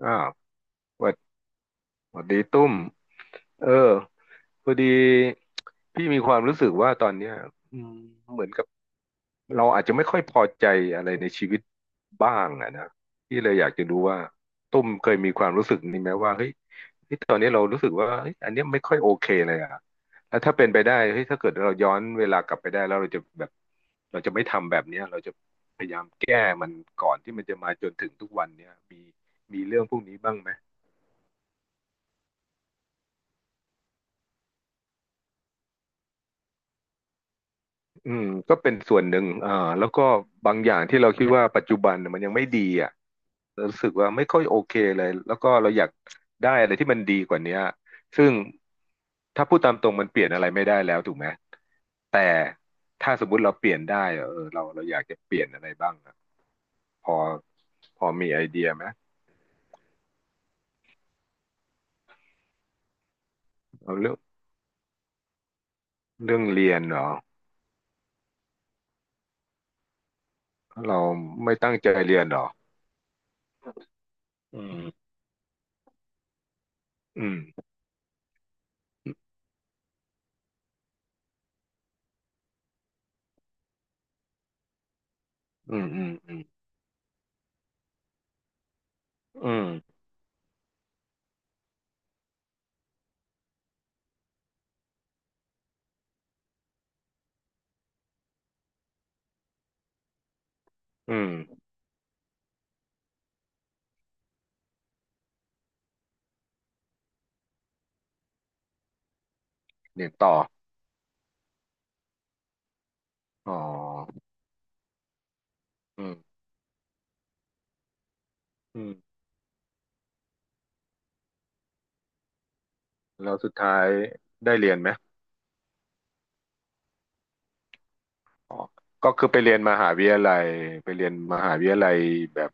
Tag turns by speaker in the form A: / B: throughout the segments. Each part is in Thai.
A: อ่าสวัสสวัสดีตุ้มเออพอดีพี่มีความรู้สึกว่าตอนเนี้ยอืมเหมือนกับเราอาจจะไม่ค่อยพอใจอะไรในชีวิตบ้างอะนะพี่เลยอยากจะรู้ว่าตุ้มเคยมีความรู้สึกนี้ไหมว่าเฮ้ยตอนนี้เรารู้สึกว่าเฮ้ยอันเนี้ยไม่ค่อยโอเคเลยอะแล้วถ้าเป็นไปได้เฮ้ยถ้าเกิดเราย้อนเวลากลับไปได้แล้วเราจะแบบเราจะไม่ทำแบบเนี้ยเราจะพยายามแก้มันก่อนที่มันจะมาจนถึงทุกวันเนี้ยมีเรื่องพวกนี้บ้างไหม อืมก็เป็นส่วนหนึ่งอ่าแล้วก็บางอย่างที่เราคิดว่าปัจจุบันเนี่ยมันยังไม่ดีอ่ะรู้สึกว่าไม่ค่อยโอเคเลยแล้วก็เราอยากได้อะไรที่มันดีกว่าเนี้ยซึ่งถ้าพูดตามตรงมันเปลี่ยนอะไรไม่ได้แล้วถูกไหมแต่ถ้าสมมุติเราเปลี่ยนได้อะเออเราอยากจะเปลี่ยนอะไรบ้างอะพอพอมีไอเดียไหมเอาเรื่องเรื่องเรียนเหรอเราไม่ตั้งใจเรียนเหรออืมอืมอืมอืมอืมอืมอืมเรียนต่อ อ๋ออืมอืมแล้วสุดท้ายได้เรียนไหมอ๋อก็คือไปเรียนมหาวิทยาลัย ไปเรียนมหาวิทยาลัยแบบ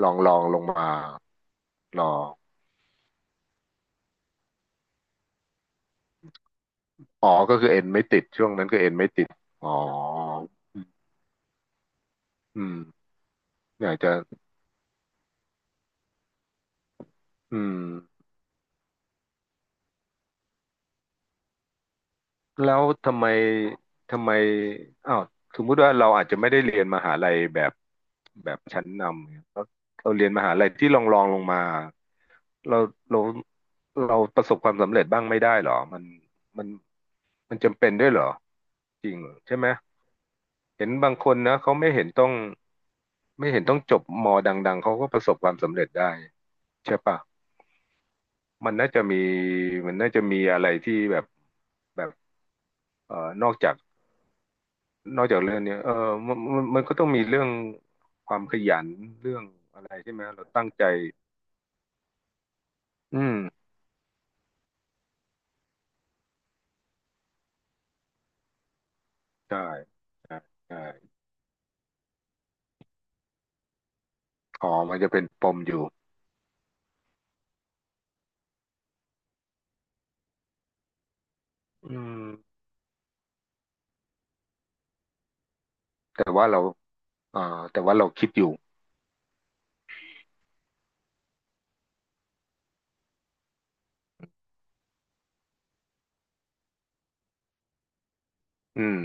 A: ลองลงมาลองอ๋อก็คือเอ็นไม่ติดช่วงนั้นก็เอ็นไม่ติด อ๋อ อืม อยากจะอืม แล้วทำไมทำไมอ้าวสมมุติว่าเราอาจจะไม่ได้เรียนมหาลัยแบบชั้นนำเนี่ยเราเราเรียนมหาลัยที่รองลงมาเราเราเราประสบความสำเร็จบ้างไม่ได้เหรอมันมันจำเป็นด้วยเหรอจริงเหรอใช่ไหมเห็นบางคนนะเขาไม่เห็นต้องจบมดังๆเขาก็ประสบความสำเร็จได้ใช่ปะมันน่าจะมีมันน่าจะมีอะไรที่แบบแบบเอ่อนอกจาก นอกจากเรื่องเนี้ยเออมันมันก็ต้องมีเรื่องความขยันเรื่องอะไรใช่ไหมเราตั้งใจอืมใช่ใช่ใช่อ๋อมันจะเป็นปมอยู่อืมแต่ว่าเราอ่าแต่ว่าเราคิดอยู่อืม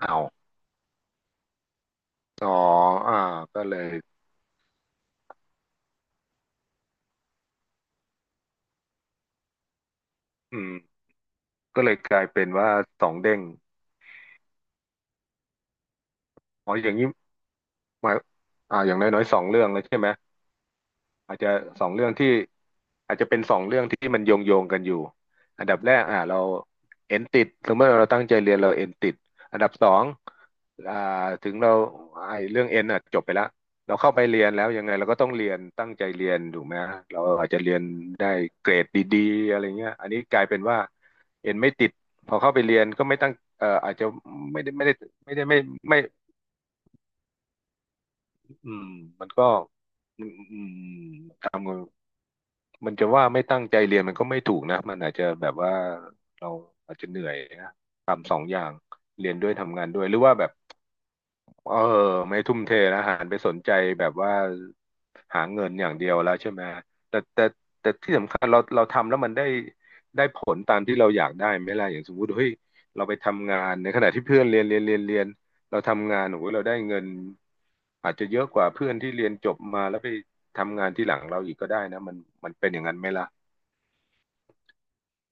A: เอาอ๋ออ่าก็เลยอืมก็เลยกลายเป็นว่าสองเด้งอ๋ออย่างนี้หมายอ่าอย่างน้อยๆสองเรื่องแล้วใช่ไหม อาจจะสองเรื่องที่อาจจะเป็นสองเรื่องที่มันโยงโยงกันอยู่อันดับแรกอ่าเราเอนติดสมมติเราตั้งใจเรียนเราเอนติดอันดับสองอ่าถึงเราไอ้เรื่องเอนอ่ะจบไปแล้วเราเข้าไปเรียนแล้วยังไงเราก็ต้องเรียนตั้งใจเรียนถูกไหมเราอาจจะเรียนได้เกรดดีๆอะไรเงี้ยอันนี้กลายเป็นว่าเอนไม่ติดพอเข้าไปเรียนก็ไม่ตั้งอาจจะไม่ได้ไม่ได้ไม่ไม่อืมมันก็อืมทำ มันจะว่าไม่ตั้งใจเรียนมันก็ไม่ถูกนะมันอาจจะแบบว่าเราอาจจะเหนื่อยนะทำสองอย่างเรียนด้วยทำงานด้วยหรือว่าแบบเออไม่ทุ่มเทนะหันไปสนใจแบบว่าหาเงินอย่างเดียวแล้วใช่ไหมแต่แต่แต่ที่สำคัญเราทำแล้วมันได้ผลตามที่เราอยากได้ไหมล่ะอย่างสมมติเฮ้ยเราไปทำงานในขณะที่เพื่อนเรียนเราทำงานโอ้โหเราได้เงินอาจจะเยอะกว่าเพื่อนที่เรียนจบมาแล้วไปทำงานที่หลังเราอีกก็ได้นะมันเป็นอย่างนั้นไหมล่ะ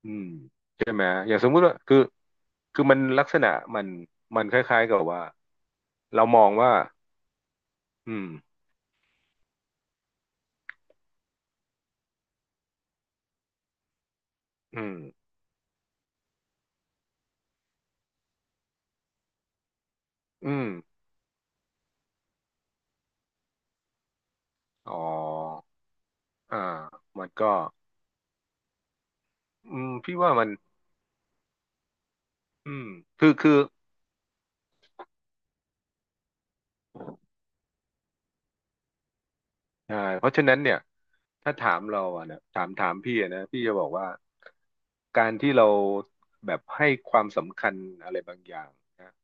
A: อืมใช่ไหม อย่างสมมุติว่าคือคือมันลักษณะมันมันคล้ายๆกับว่า เรามองว่า อืม อืม อืมอ๋ออ่ามันก็อืมพี่ว่ามันอืมคือใช่เพราะฉะนั้นเนี่ย ถ้าถามเราอะนะถามพี่อะนะ พี่จะบอกว่า การที่เราแบบให้ความสำคัญอะไรบางอย่างนะ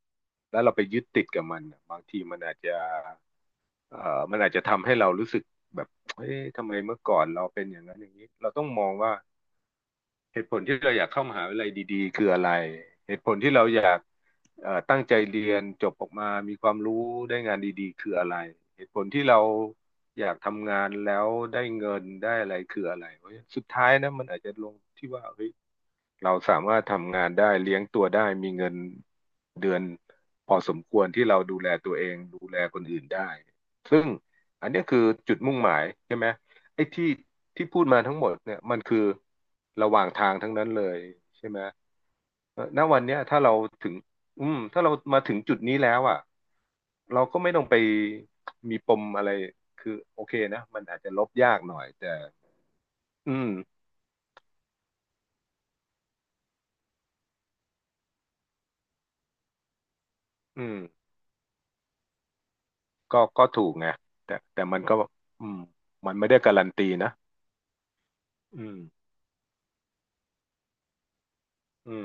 A: แล้วเราไปยึดติดกับมันน่ะบางทีมันอาจจะเอ่อมันอาจจะทำให้เรารู้สึกแบบเอ๊ะทำไมเมื่อก่อนเราเป็นอย่างนั้นอย่างนี้เราต้องมองว่าเหตุผลที่เราอยากเข้ามหาวิทยาลัยดีๆคืออะไรเหตุผลที่เราอยากตั้งใจเรียนจบออกมา มีความรู้ได้งานดีๆคืออะไรเหตุผลที่เราอยากทำงานแล้วได้เงินได้อะไรคืออะไรเพราะสุดท้ายนะมันอาจจะลงที่ว่าเฮ้ย เราสามารถทำงานได้เลี้ยงตัวได้มีเงินเดือนพอสมควรที่เราดูแลตัวเองดูแลคนอื่นได้ซึ่งอันเนี้ยคือจุดมุ่งหมายใช่ไหมไอ้ที่พูดมาทั้งหมดเนี่ยมันคือระหว่างทางทั้งนั้นเลยใช่ไหมณวันเนี้ยถ้าเราถึงถ้าเรามาถึงจุดนี้แล้วอ่ะเราก็ไม่ต้องไปมีปมอะไรคือโอเคนะมันอาจจะลบยากหน่อยแต่อืมอืม ก็ถูกไงแต่มันก็อืมมันไม่ได้การันตีนะอืมอืม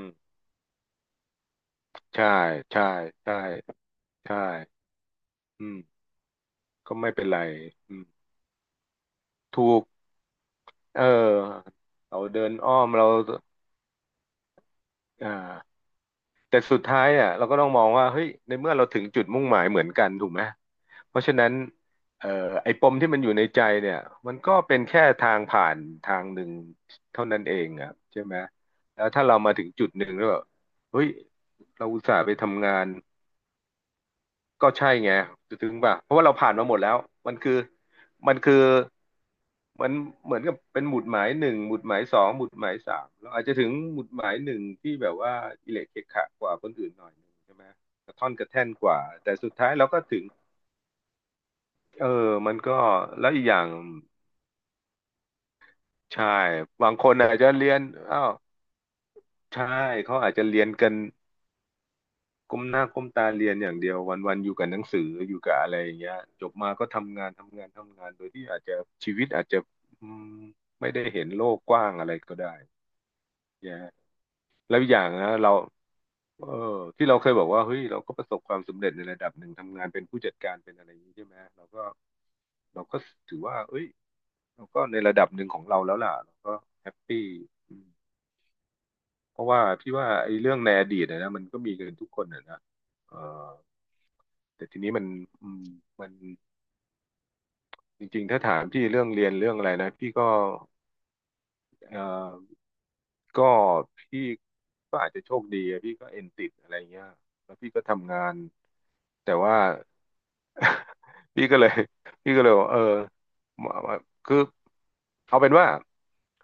A: ใช่ใช่ใช่ใช่อืมก็ไม่เป็นไรอืมถูกเออเราเดินอ้อมเราอ่า แต่สุดท้ายอ่ะเราก็ต้องมองว่าเฮ้ยในเมื่อเราถึงจุดมุ่งหมายเหมือนกันถูกไหมเพราะฉะนั้นเอ่อไอ้ปมที่มันอยู่ในใจเนี่ยมันก็เป็นแค่ทางผ่านทางหนึ่งเท่านั้นเองอ่ะใช่ไหมแล้วถ้าเรามาถึงจุดหนึ่งแล้วแบบเฮ้ยเราอุตส่าห์ไปทำงาน ก็ใช่ไงถึงป่ะเพราะว่าเราผ่านมาหมดแล้วมันคือมันคือมันเหมือนกับเป็นหมุดหมายหนึ่งหมุดหมายสองหมุดหมายสามเราอาจจะถึงหมุดหมายหนึ่งที่แบบว่าอิเละเกะขะกว่าคนอื่นหน่อยหนึ่งใช่ไหมกระท่อนกระแท่นกว่าแต่สุดท้ายเราก็ถึงเออมันก็แล้วอีกอย่างใช่บางคนอาจจะเรียนอ้าวใช่เขาอาจจะเรียนกัน ก้มหน้าก้มตาเรียนอย่างเดียววันๆอยู่กับหนังสืออยู่กับอะไรอย่างเงี้ยจบมาก็ทำงานทำงานทำงานโดยที่อาจจะชีวิตอาจจะอืมไม่ได้เห็นโลกกว้างอะไรก็ได้แย่แล้วอีกอย่างนะเราเออที่เราเคยบอกว่าเฮ้ยเราก็ประสบความสำเร็จในระดับหนึ่งทำงานเป็นผู้จัดการเป็นอะไรอย่างนี้ใช่ไหมเราก็ถือว่าเอ้ยเราก็ในระดับหนึ่งของเราแล้วล่ะเราก็แฮปปี้อืมเพราะว่าพี่ว่าไอ้เรื่องในอดีตนะมันก็มีกันทุกคนนะเออแต่ทีนี้มันอืมมัน จริงๆ ถ้าถามพี่เรื่องเรียนเรื่องอะไรนะพี่ก็เอ่อก็พี่ก็อาจจะโชคดีอะพี่ก็เอ็นติดอะไรเงี้ยแล้วพี่ก็ทำงานแต่ว่า พี่ก็เลย พี่ก็เลยบอกเออคือเอาเป็นว่า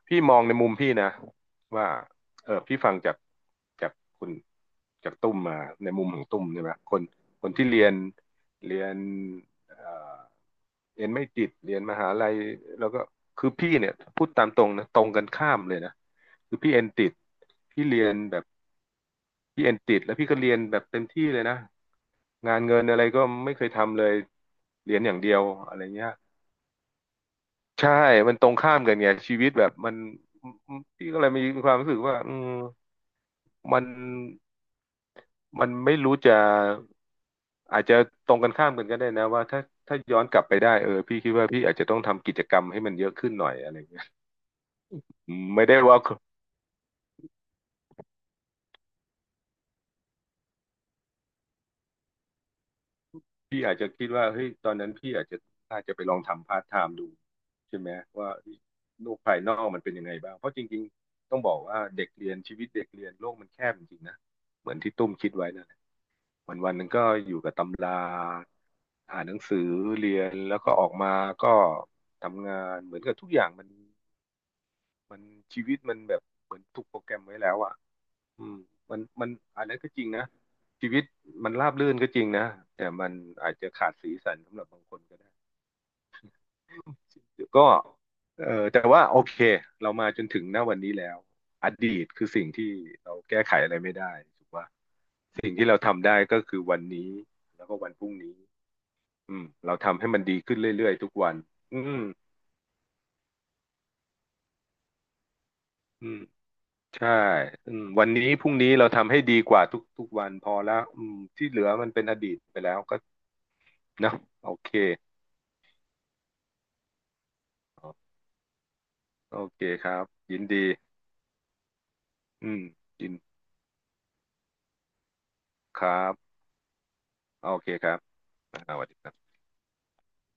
A: พี่มองในมุมพี่นะว่าเออพี่ฟังจากคุณจากตุ้มมาในมุมของตุ้มใช่ไหมคนที่เรียนเอ่อเรียนไม่ติดเรียนมหาลัยแล้วก็คือพี่เนี่ยพูดตามตรงนะตรงกันข้ามเลยนะคือพี่เอ็นติดพี่เรียนแบบพี่เอ็นติดแล้วพี่ก็เรียนแบบเต็มที่เลยนะ งานเงินอะไรก็ไม่เคยทำเลยเรียนอย่างเดียวอะไรเงี้ยใช่มันตรงข้ามกันไงชีวิตแบบมันพี่ก็เลยมีความรู้สึกว่าอืมมันมันไม่รู้จะอาจจะตรงกันข้ามกันก็ได้นะว่าถ้าย้อนกลับไปได้เออพี่คิดว่าพี่อาจจะต้องทำกิจกรรมให้มันเยอะขึ้นหน่อยอะไรเงี้ยอืมไม่ได้ว่า พี่อาจจะคิดว่าเฮ้ยตอนนั้นพี่อาจจะไปลองทำพาร์ทไทม์ดูใช่ไหมว่าเฮ้ยโลกภายนอกมันเป็นยังไงบ้างเพราะจริงๆต้องบอกว่าเด็กเรียนชีวิตเด็กเรียนโลกมันแคบจริงๆนะเหมือนที่ตุ้มคิดไว้นั่นแหละวันวันหนึงก็อยู่กับตำราอ่านหนังสือเรียนแล้วก็ออกมาก็ทำงานเหมือนกับทุกอย่างมันมันชีวิตมันแบบเหมือนถูกโปรแกรมไว้แล้วอะ อืมมันมันอันนั้นก็จริงนะชีวิตมันราบรื่นก็จริงนะแต่มันอาจจะขาดสีสันสำหรับบางคนก็ได้ก็เออแต่ว่าโอเคเรามาจนถึงณวันนี้แล้วอดีตคือสิ่งที่เราแก้ไขอะไรไม่ได้ถูกปะสิ่งที่เราทำได้ก็คือวันนี้แล้วก็วันพรุ่งนี้อืมเราทำให้มันดีขึ้นเรื่อยๆทุกวันอืมอืมใช่อืมวันนี้พรุ่งนี้เราทำให้ดีกว่าทุกวันพอแล้วอืมที่เหลือมันเป็นอดีตไปแล้วก็เนาะโอเค โอเคครับยินดีอืมยินครับโอเคครับอ่าสวัสดีครับ